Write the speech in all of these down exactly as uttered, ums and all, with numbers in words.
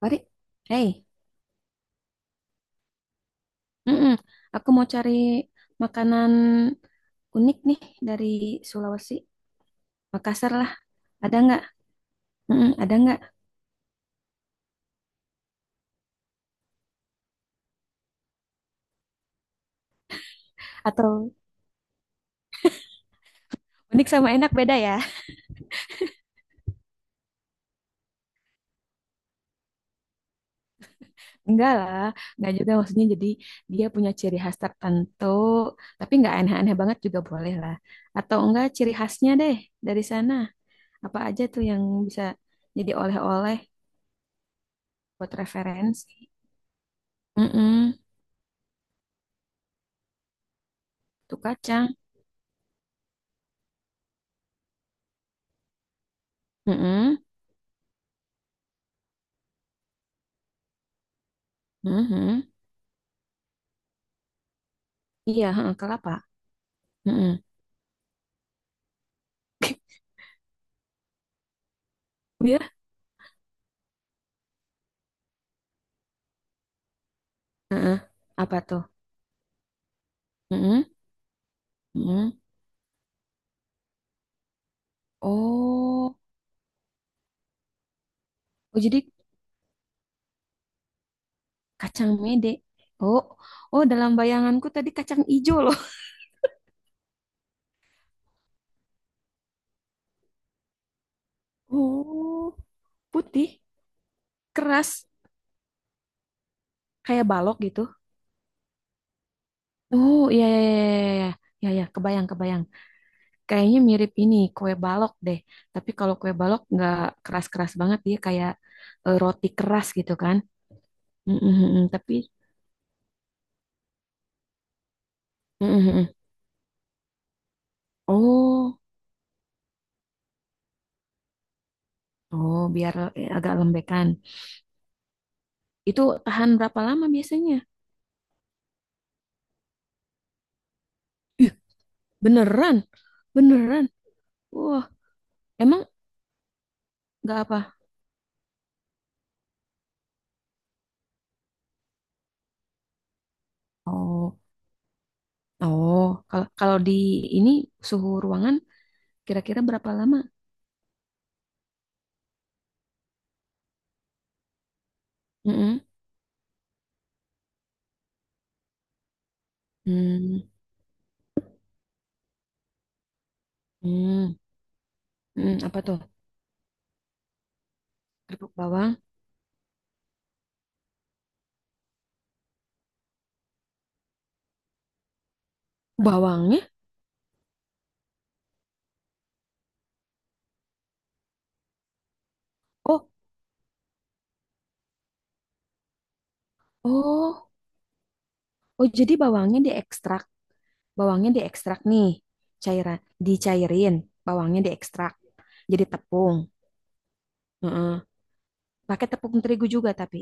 Mari. Hey, mm-mm. Aku mau cari makanan unik nih dari Sulawesi. Makassar lah, ada nggak? Mm-mm, ada nggak? Atau unik sama enak beda ya? Enggak lah, nggak juga maksudnya jadi dia punya ciri khas tertentu, tapi nggak aneh-aneh banget juga boleh lah. Atau enggak ciri khasnya deh dari sana. Apa aja tuh yang bisa jadi oleh-oleh buat referensi? Mm-mm. Tuh kacang. Mm-mm. Mhm. Iya, heeh, kelapa. Mm-mm. Ya, heeh. Apa tuh? Heeh, heeh. Oh, oh jadi kacang mede. Oh, oh dalam bayanganku tadi kacang ijo loh. Oh, putih, keras, kayak balok gitu. Oh, iya iya iya iya iya. Ya ya, kebayang kebayang. Kayaknya mirip ini kue balok deh. Tapi kalau kue balok nggak keras-keras banget dia kayak eh, roti keras gitu kan. Mm, mm, mm, mm. Tapi mm, mm, mm. Oh, oh biar eh, agak lembekan. Itu tahan berapa lama biasanya? Ih, beneran, beneran. Wah, emang nggak apa? Oh, oh, kalau kalau di ini suhu ruangan kira-kira berapa lama? Mm-mm. Hmm, hmm, hmm, apa tuh? Kerupuk bawang, bawangnya? Oh, oh, oh, jadi bawangnya diekstrak, bawangnya diekstrak nih, cairan, dicairin, bawangnya diekstrak, jadi tepung. Mm. Pakai tepung terigu juga tapi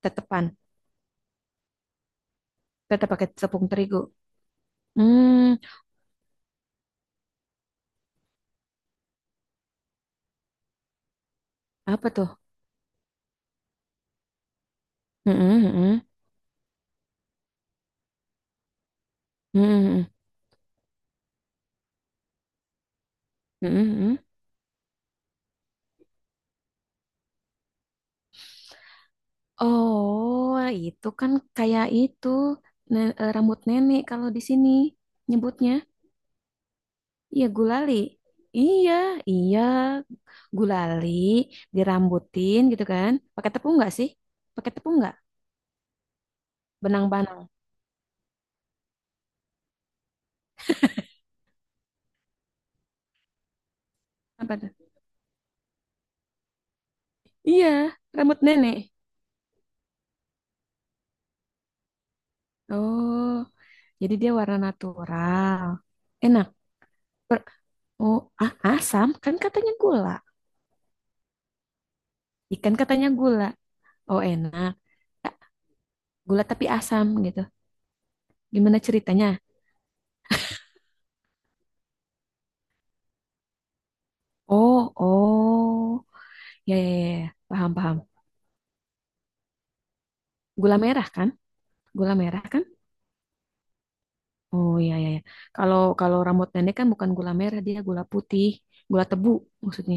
tetepan, tetap pakai tepung terigu. Hmm, apa tuh? Mm-mm, mm-mm, mm-mm, mm-mm, mm-mm. Oh, itu kan kayak itu ne- eh, rambut nenek kalau di sini nyebutnya. Iya, gulali. Iya, iya, gulali dirambutin gitu kan. Pakai tepung nggak sih? Pakai tepung nggak? Benang-benang. Apa tuh? Iya, rambut nenek. Oh, jadi dia warna natural. Enak. Per- oh, ah, asam kan katanya gula. Ikan katanya gula. Oh enak. Tak, gula tapi asam gitu. Gimana ceritanya? Oh, oh. Ya, ya, ya, ya. Paham, paham. Gula merah kan? Gula merah kan? Oh, ya, ya, ya. Kalau kalau rambut nenek kan bukan gula merah, dia gula putih, gula tebu maksudnya.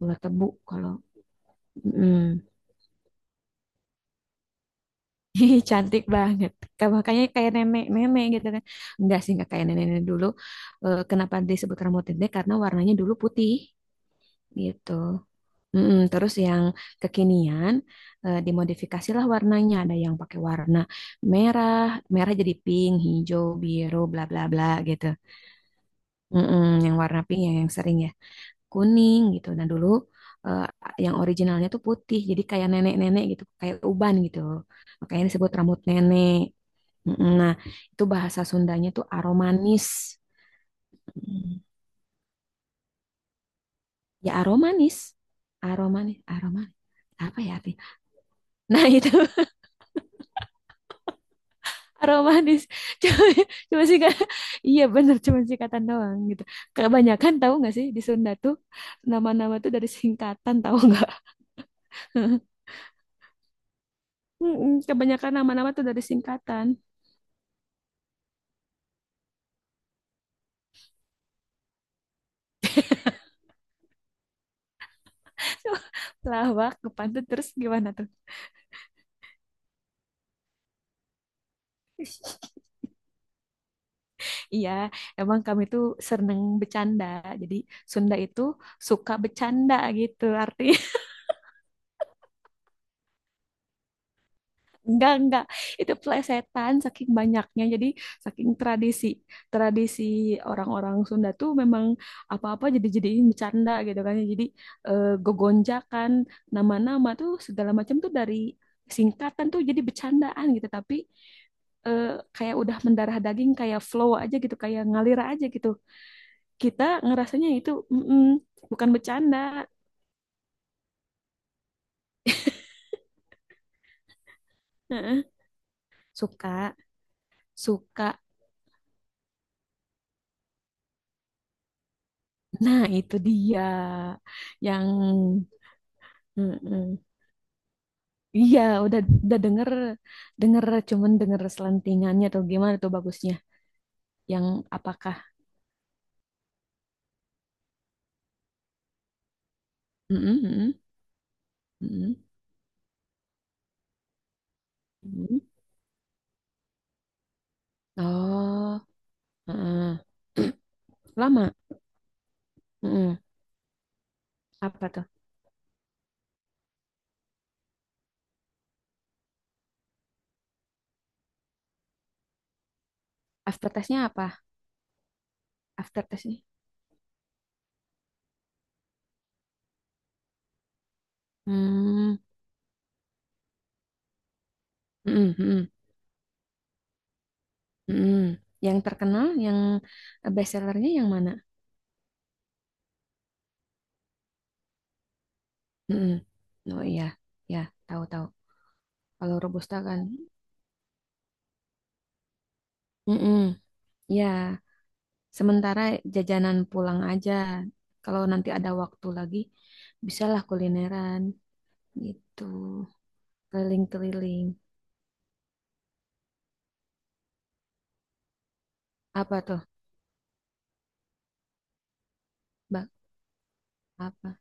Gula tebu kalau mm. Ih, cantik banget. Ka- makanya kayak nenek-nenek gitu kan. Enggak sih, enggak kayak nenek-nenek dulu. Eh, kenapa disebut rambut nenek? Karena warnanya dulu putih gitu. Mm-mm, terus yang kekinian eh, dimodifikasilah warnanya. Ada yang pakai warna merah, merah jadi pink, hijau, biru, bla bla bla gitu. Mm-mm, yang warna pink yang yang sering ya kuning gitu. Nah dulu eh, yang originalnya tuh putih, jadi kayak nenek-nenek gitu, kayak uban gitu. Makanya disebut rambut nenek. Mm-mm, nah itu bahasa Sundanya tuh aromanis. Mm, ya aromanis, aromanis, aromanis apa ya artinya? Nah itu aromatis cuma, cuma sih kak iya bener cuma singkatan doang gitu kebanyakan tahu nggak sih di Sunda tuh nama-nama tuh dari singkatan tahu nggak. Mm-mm, kebanyakan nama-nama tuh dari singkatan. Lawak kepantun terus gimana tuh? Iya, emang kami tuh seneng bercanda, jadi Sunda itu suka bercanda gitu arti. Enggak, enggak. Itu plesetan saking banyaknya. Jadi saking tradisi. Tradisi orang-orang Sunda tuh memang apa-apa jadi-jadiin bercanda gitu kan. Jadi eh, gogonjakan nama-nama tuh segala macam tuh dari singkatan tuh jadi bercandaan gitu. Tapi eh, kayak udah mendarah daging kayak flow aja gitu, kayak ngalir aja gitu. Kita ngerasanya itu mm-mm, bukan bercanda. Heeh. Suka, suka. Nah, itu dia yang mm-mm. Iya, udah udah denger denger cuman denger selentingannya atau gimana tuh bagusnya? Yang apakah? Mm-mm, mm-mm, mm-mm, mm-mm. Oh, heeh. Lama. Mm-mm. Apa tuh? After testnya apa? After testnya? Hmm, mm-mm, mm-mm, mm-mm. Yang terkenal, yang best sellernya yang mana? Mm-mm. Oh iya, ya tahu tahu. Kalau Robusta kan, mm ya sementara jajanan pulang aja. Kalau nanti ada waktu lagi, bisalah kulineran gitu. Keliling-keliling. Apa tuh? Bak apa?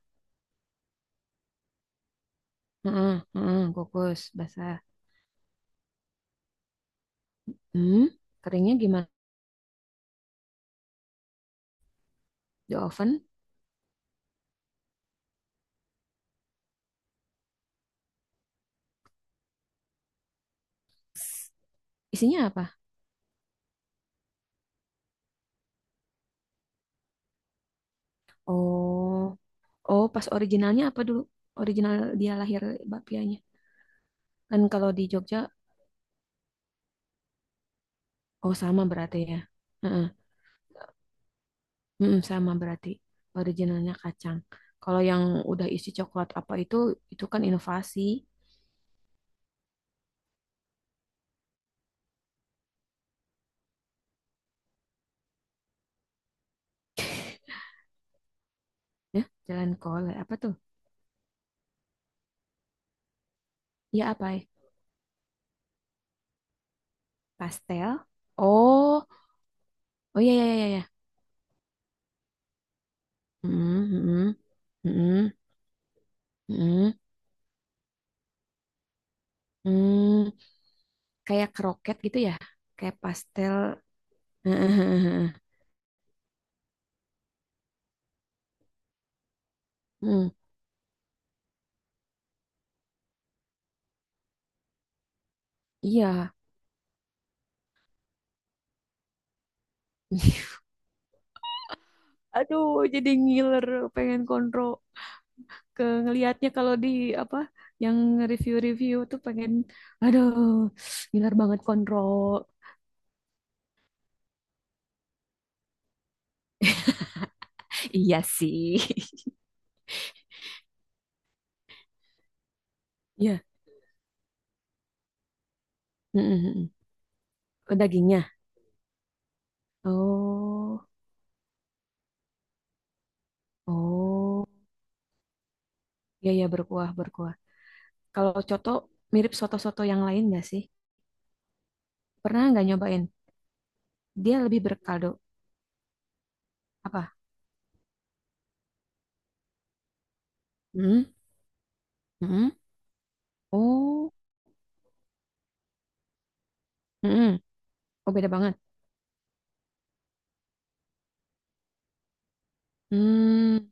Heeh, heeh, kukus basah. Hmm, keringnya gimana? Di oven? S- isinya apa? Oh, oh pas originalnya apa dulu? Original dia lahir bakpianya. Kan kalau di Jogja, oh sama berarti ya. Heeh. Mm, sama berarti originalnya kacang. Kalau yang udah isi coklat apa itu, itu kan inovasi. Ya, jalan kol apa tuh? Ya apa? Ya? Pastel. Oh, oh iya iya iya iya. Mm, mm, mm, mm, mm. Kayak kroket gitu ya? Kayak pastel. Mm, iya. Aduh, jadi ngiler, pengen kontrol. Ke ngelihatnya kalau di apa yang review-review tuh pengen aduh gilar banget kontrol iya sih. Iya. Mm-mm. Dagingnya oh oh iya ya berkuah berkuah kalau coto mirip soto-soto yang lain nggak sih pernah nggak nyobain dia lebih berkaldu apa hmm hmm oh hmm oh beda banget hmm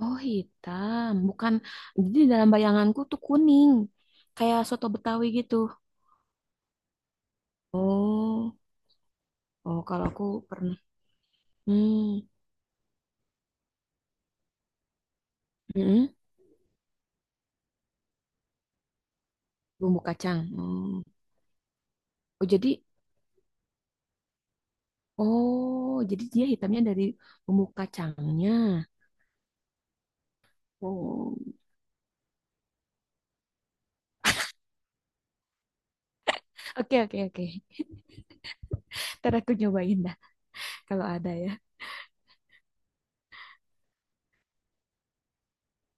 oh hitam bukan jadi dalam bayanganku tuh kuning kayak soto Betawi gitu. Oh, oh kalau aku pernah. Hmm, mm-mm. Bumbu kacang. Hmm. Oh jadi, oh jadi dia hitamnya dari bumbu kacangnya. Oh, oke oke oke. Ntar aku nyobain dah kalau ada ya.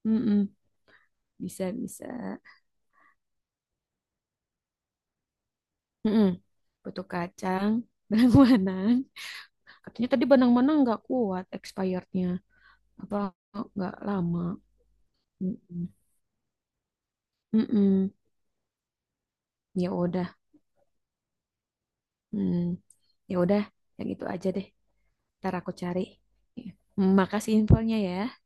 Mm-mm. Bisa bisa. Mm-mm. Butuh kacang, benang-benang. Katanya tadi benang-benang nggak kuat expirednya. Apa nggak lama? Mm-mm. Mm-mm. Ya udah. Hmm. Ya udah, yang itu aja deh. Ntar aku cari. Makasih infonya ya.